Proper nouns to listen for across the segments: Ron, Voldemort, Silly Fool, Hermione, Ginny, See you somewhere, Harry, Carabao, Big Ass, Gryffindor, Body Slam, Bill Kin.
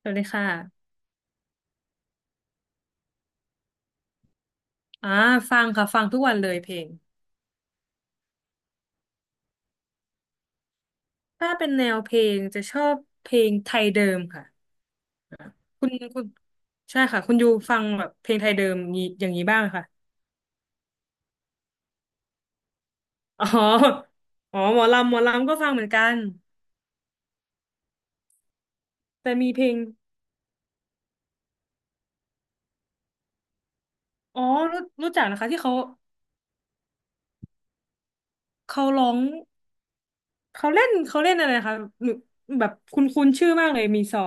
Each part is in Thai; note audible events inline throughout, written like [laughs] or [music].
สวัสดีค่ะอ่าฟังค่ะ ฟังทุกวันเลยเพลง ถ้าเป็นแนวเพลงจะชอบเพลงไทยเดิมค่ะอ่าคุณใช่ค่ะ คุณยูฟังแบบเพลงไทยเดิมนี้อย่างนี้บ้างไหมค่ะอ๋ออ๋อ หมอลำหมอลำก็ฟังเหมือนกัน แต่มีเพลงอ๋อรู้จักนะคะที่เขาเขาร้องเขาเล่นอะไรนะคะหนูแบบคุ้นคุ้นชื่อมากเลยมีซอ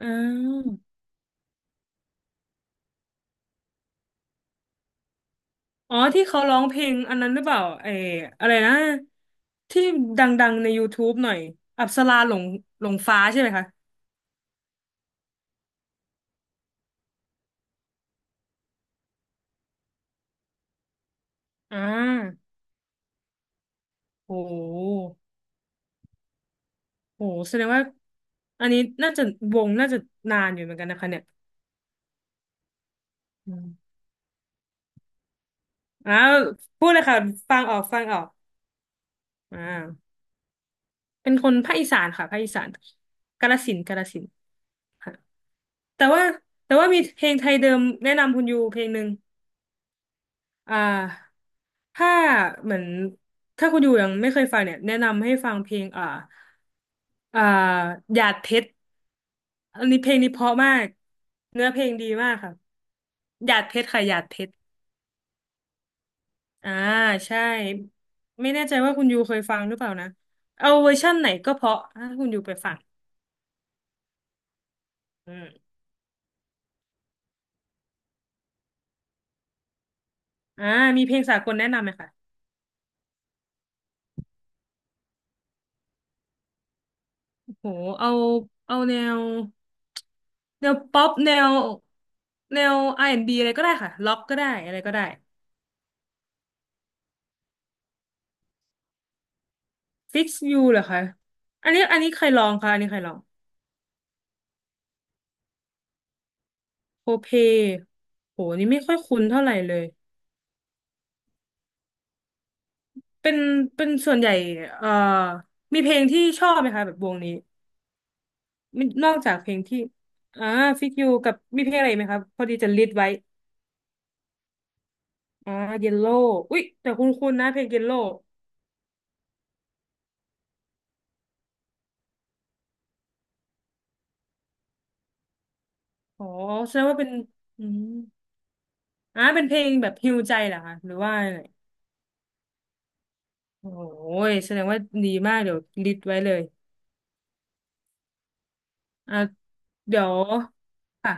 อ่า อ๋อที่เขาร้องเพลงอันนั้นหรือเปล่าไอ้อะไรนะที่ดังๆใน YouTube หน่อยอัปสราหลงหลงฟ้าใช่ไหมคะอ่าโอ้โหโอ้โหแสดงว่าอันนี้น่าจะวงน่าจะนานอยู่เหมือนกันนะคะเนี่ยอืมอาวพูดเลยค่ะฟังออกอ่าเป็นคนภาคอีสานค่ะภาคอีสานกาฬสินธุ์ค่ะแต่ว่าแต่ว่ามีเพลงไทยเดิมแนะนำคุณยูเพลงหนึ่ง อ่าถ้าเหมือนถ้าคุณอยู่ยังไม่เคยฟังเนี่ยแนะนำให้ฟังเพลงอ่าหยาดเพชรอันนี้เพลงนี้เพราะมากเนื้อเพลงดีมากค่ะหยาดเพชรค่ะหยาดเพชรอ่าใช่ไม่แน่ใจว่าคุณยูเคยฟังหรือเปล่านะเอาเวอร์ชั่นไหนก็เพราะถ้าคุณยูไปฟังอืมอ่ามีเพลงสากลแนะนำไหมคะโหเอาเอาแนวป๊อปแนวอาร์แอนด์บีอะไรก็ได้ค่ะล็อกก็ได้อะไรก็ได้ ฟิกซ์ยูเหรอคะอันนี้ใครลองคะ อันนี้ใครลองโคเพโห นี่ไม่ค่อยคุ้นเท่าไหร่เลย เป็น เป็นส่วนใหญ่เอ่อมีเพลงที่ชอบไหมคะแบบวงนี้มีนอกจากเพลงที่อ่าฟิกยูกับ มีเพลงอะไรอีกไหมคะพอดีจะลิสต์ไว้อ่าเยลโล่อุ๊ยแต่คุ้นๆนะเพลงเยลโล่อ๋อแสดงว่าเป็นอืมเป็นเพลงแบบฮีลใจเหรอคะหรือว่าอะไรโอ้ยแสดงว่าดีมากเดี๋ยวลิสต์ไว้เลยอ่าเดี๋ยวค่ะ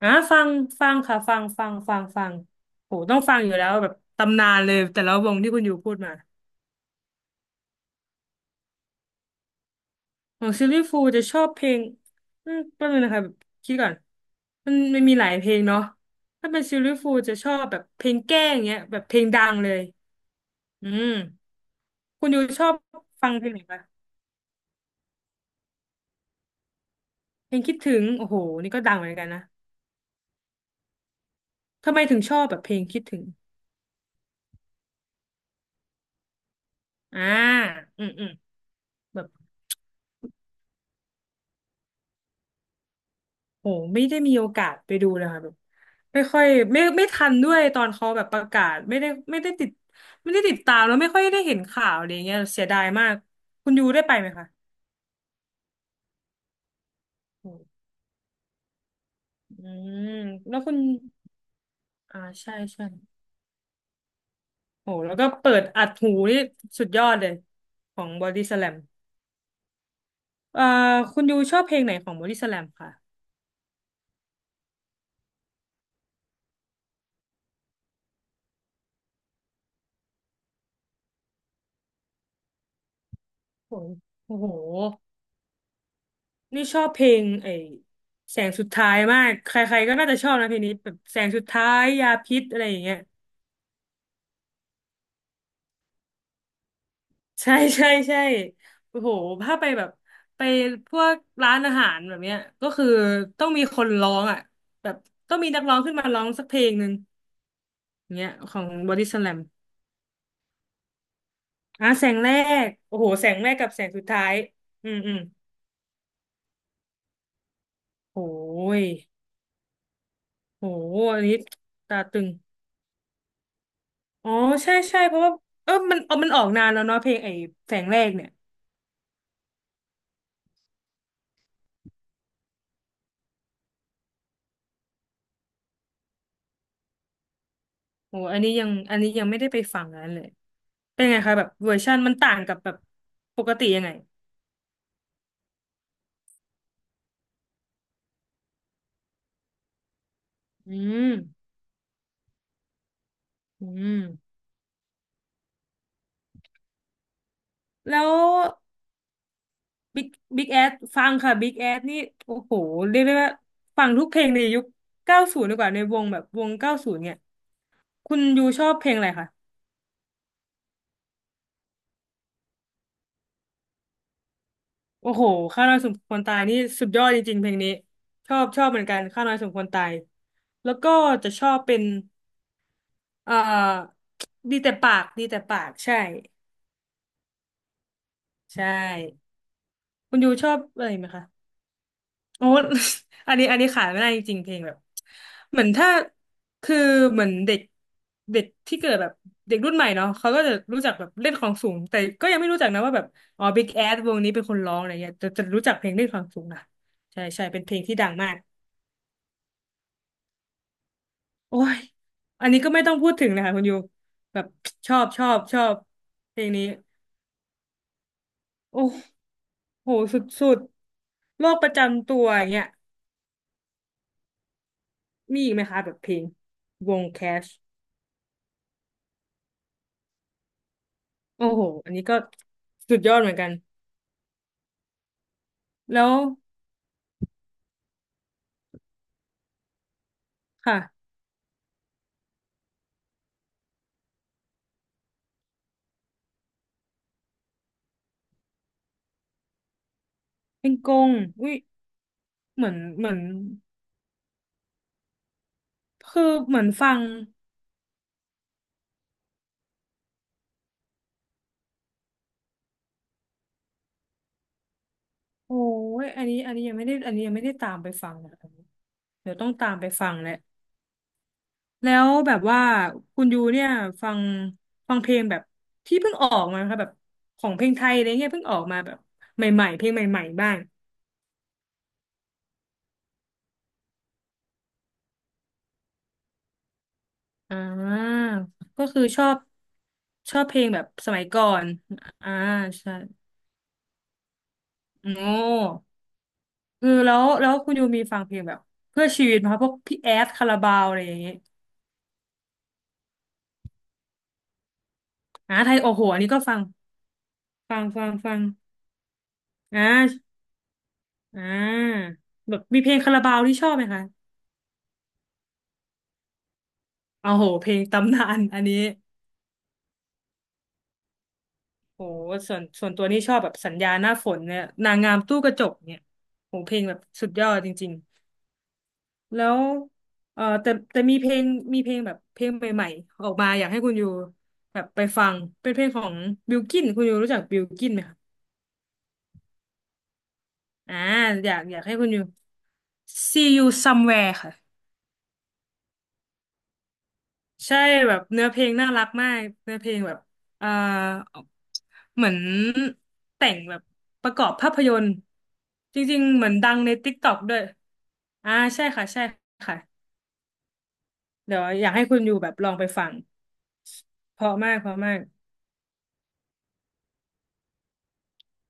อ่ะฟังฟังค่ะฟังโหต้องฟังอยู่แล้วแบบตำนานเลยแต่ละวงที่คุณอยู่พูดมาของซิลลี่ฟูลจะชอบเพลงอืมแป๊บนึงนะคะแบบคิดก่อนมันมีหลายเพลงเนาะถ้าเป็นซิลลี่ฟูลจะชอบแบบเพลงแกล้งเงี้ยแบบเพลงดังเลยอืมคุณอยู่ชอบฟังเพลงไหนปะเพลงคิดถึงโอ้โหนี่ก็ดังเหมือนกันนะทำไมถึงชอบแบบเพลงคิดถึงอ่าอืมแบบ โหไม่ได้มีโอกาสไปดูเลยค่ะแบบไม่ค่อยไม่ทันด้วยตอนเขาแบบประกาศไม่ได้ติดตามแล้วไม่ค่อยได้เห็นข่าวอะไรเงี้ยเสียดายมากคุณยูได้ไปไหมคะโหอืมแล้วคุณใช่ใช่โหแล้วก็เปิดอัดหูนี่สุดยอดเลยของบอดี้สแลมเอ่อคุณยูชอบเพลงไหนของบอดี้สแลมค่ะโหโอ้โหนี่ชอบเพลงไอ้แสงสุดท้ายมากใครๆก็น่าจะชอบนะเพลงนี้แบบแสงสุดท้ายยาพิษอะไรอย่างเงี้ย ใช่ใช่ใช่โอ้โหถ้าไปแบบไปพวกร้านอาหารแบบเนี้ยก็คือต้องมีคนร้องอ่ะแบบต้องมีนักร้องขึ้นมาร้องสักเพลงหนึ่งอย่างเงี้ยของบอดี้สแลมอ่ะแสงแรกโอ้โหแสงแรกกับแสงสุดท้ายอืมโอ้ยโอ้โหอันนี้ตาตึงอ๋อใช่ใช่เพราะว่าเออมันมันออกนานแล้วเนาะเพลงไอ้แสงแรกเนี่ยโอ้อันนี้ยังอันนี้ยังไม่ได้ไปฟังนั้นเลยเป็นไงคะแบบเวอร์ชันมันต่างกับแบบปกติยังไงอืม อืมแล้วบิ๊กบิ๊กแอดฟังค่ะบิ๊กแอดนี่โอ้โหเรียกได้ว่าฟังทุกเพลงในยุคเก้าศูนย์ดีกว่าในวงแบบวงเก้าศูนย์เนี่ยคุณยูชอบเพลงอะไรคะโอ้โหข้าวน้อยสมควรตายนี่สุดยอดจริงๆเพลงนี้ชอบเหมือนกันข้าวน้อยสมควรตายแล้วก็จะชอบเป็นเอ่อดีแต่ปากใช่ใช่คุณยูชอบอะไรไหมคะ โอ้ [laughs] อันนี้ขายไม่ได้จริงๆเพลงแบบเหมือนถ้าคือเหมือนเด็กเด็กที่เกิดแบบเด็กรุ่นใหม่เนาะเขาก็จะรู้จักแบบเล่นของสูงแต่ก็ยังไม่รู้จักนะว่าแบบอ๋อ Big Ass วงนี้เป็นคนร้องอะไรเงี้ยจะรู้จักเพลงเล่นของสูงนะใช่ใช่เป็นเพลงที่ดังมากโอ้ยอันนี้ก็ไม่ต้องพูดถึงเลยค่ะคุณยูแบบชอบชอบชอบเพลงนี้โอ้โหสุดสุดโรคประจำตัวอย่างเงี้ยมีอีกไหมคะแบบเพลงวงแคช โอ้โหอันนี้ก็สุดยอดเหมือนกันแล้วค่ะเป็นกงอุ้ยเหมือนคือเหมือนฟังโอ้ยอันนี้อันนี้ยังไม่ได้อันนี้ยังไม่ได้ตามไปฟังนะเดี๋ยวต้องตามไปฟังแหละแล้วแบบว่าคุณยูเนี่ยฟังฟังเพลงแบบที่เพิ่งออกมาค่ะแบบของเพลงไทยอะไรเงี้ยเพิ่งออกมาแบบใหม่ๆเพลงใหม่ๆบ้างอ่าก็คือชอบชอบเพลงแบบสมัยก่อนอ่าใช่โอ้ เออแล้วคุณยูมีฟังเพลงแบบเพื่อชีวิตไหมคะพวกพี่แอดคาราบาวอะไรอย่างเงี้ยอ่าไทยโอ้โหอันนี้ก็ฟังฟังอ่าอ่าแบบมีเพลงคาราบาวที่ชอบไหมคะโอ้โหเพลงตำนานอันนี้โหส่วนตัวนี่ชอบแบบสัญญาหน้าฝนเนี่ยนางงามตู้กระจกเนี่ยโหเพลงแบบสุดยอดจริงๆแล้วเออแต่มีเพลงแบบเพลงใหม่ๆออกมาอยากให้คุณยูแบบไปฟังเป็นเพลงของบิลกินคุณยูรู้จักบิลกินไหมคะ อ่าอยากให้คุณอยู่ See you somewhere ค่ะใช่แบบเนื้อเพลงน่ารักมากเนื้อเพลงแบบเอ่อเหมือนแต่งแบบประกอบภาพยนตร์จริงๆเหมือนดังใน TikTok ด้วยอ่าใช่ค่ะใช่ค่ะเดี๋ยวอยากให้คุณอยู่แบบลองไปฟังเพราะมากเพราะมาก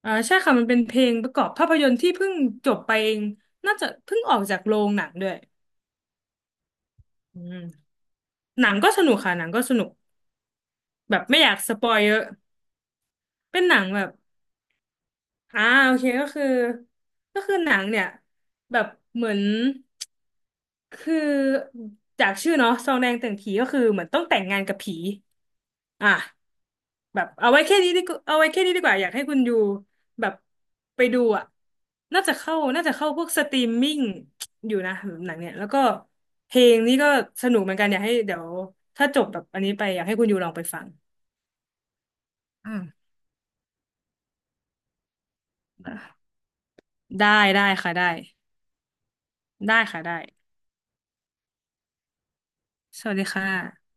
อ่าใช่ค่ะมันเป็นเพลงประกอบภาพยนตร์ที่เพิ่งจบไปเองน่าจะเพิ่งออกจากโรงหนังด้วยอืมหนังก็สนุกค่ะหนังก็สนุกแบบไม่อยากสปอยเยอะ เป็นหนังแบบอ่าโอเค ก็คือก็คือหนังเนี่ยแบบเหมือนคือจากชื่อเนาะซองแดงแต่งผีก็คือเหมือนต้องแต่งงานกับผีอ่ะแบบเอาไว้แค่นี้ดีกว่าเอาไว้แค่นี้ดีกว่าอยากให้คุณอยู่แบบไปดูอ่ะน่าจะเข้าพวกสตรีมมิ่งอยู่นะหนังเนี่ยแล้วก็เพลงนี้ก็สนุกเหมือนกันอยากให้เดี๋ยวถ้าจบแบบอันนี้ไปอยากให้คุณอยู่ลองไปฟังอืมได้ได้ค่ะได้ได้ค่ะได้ สวัสดีค่ะ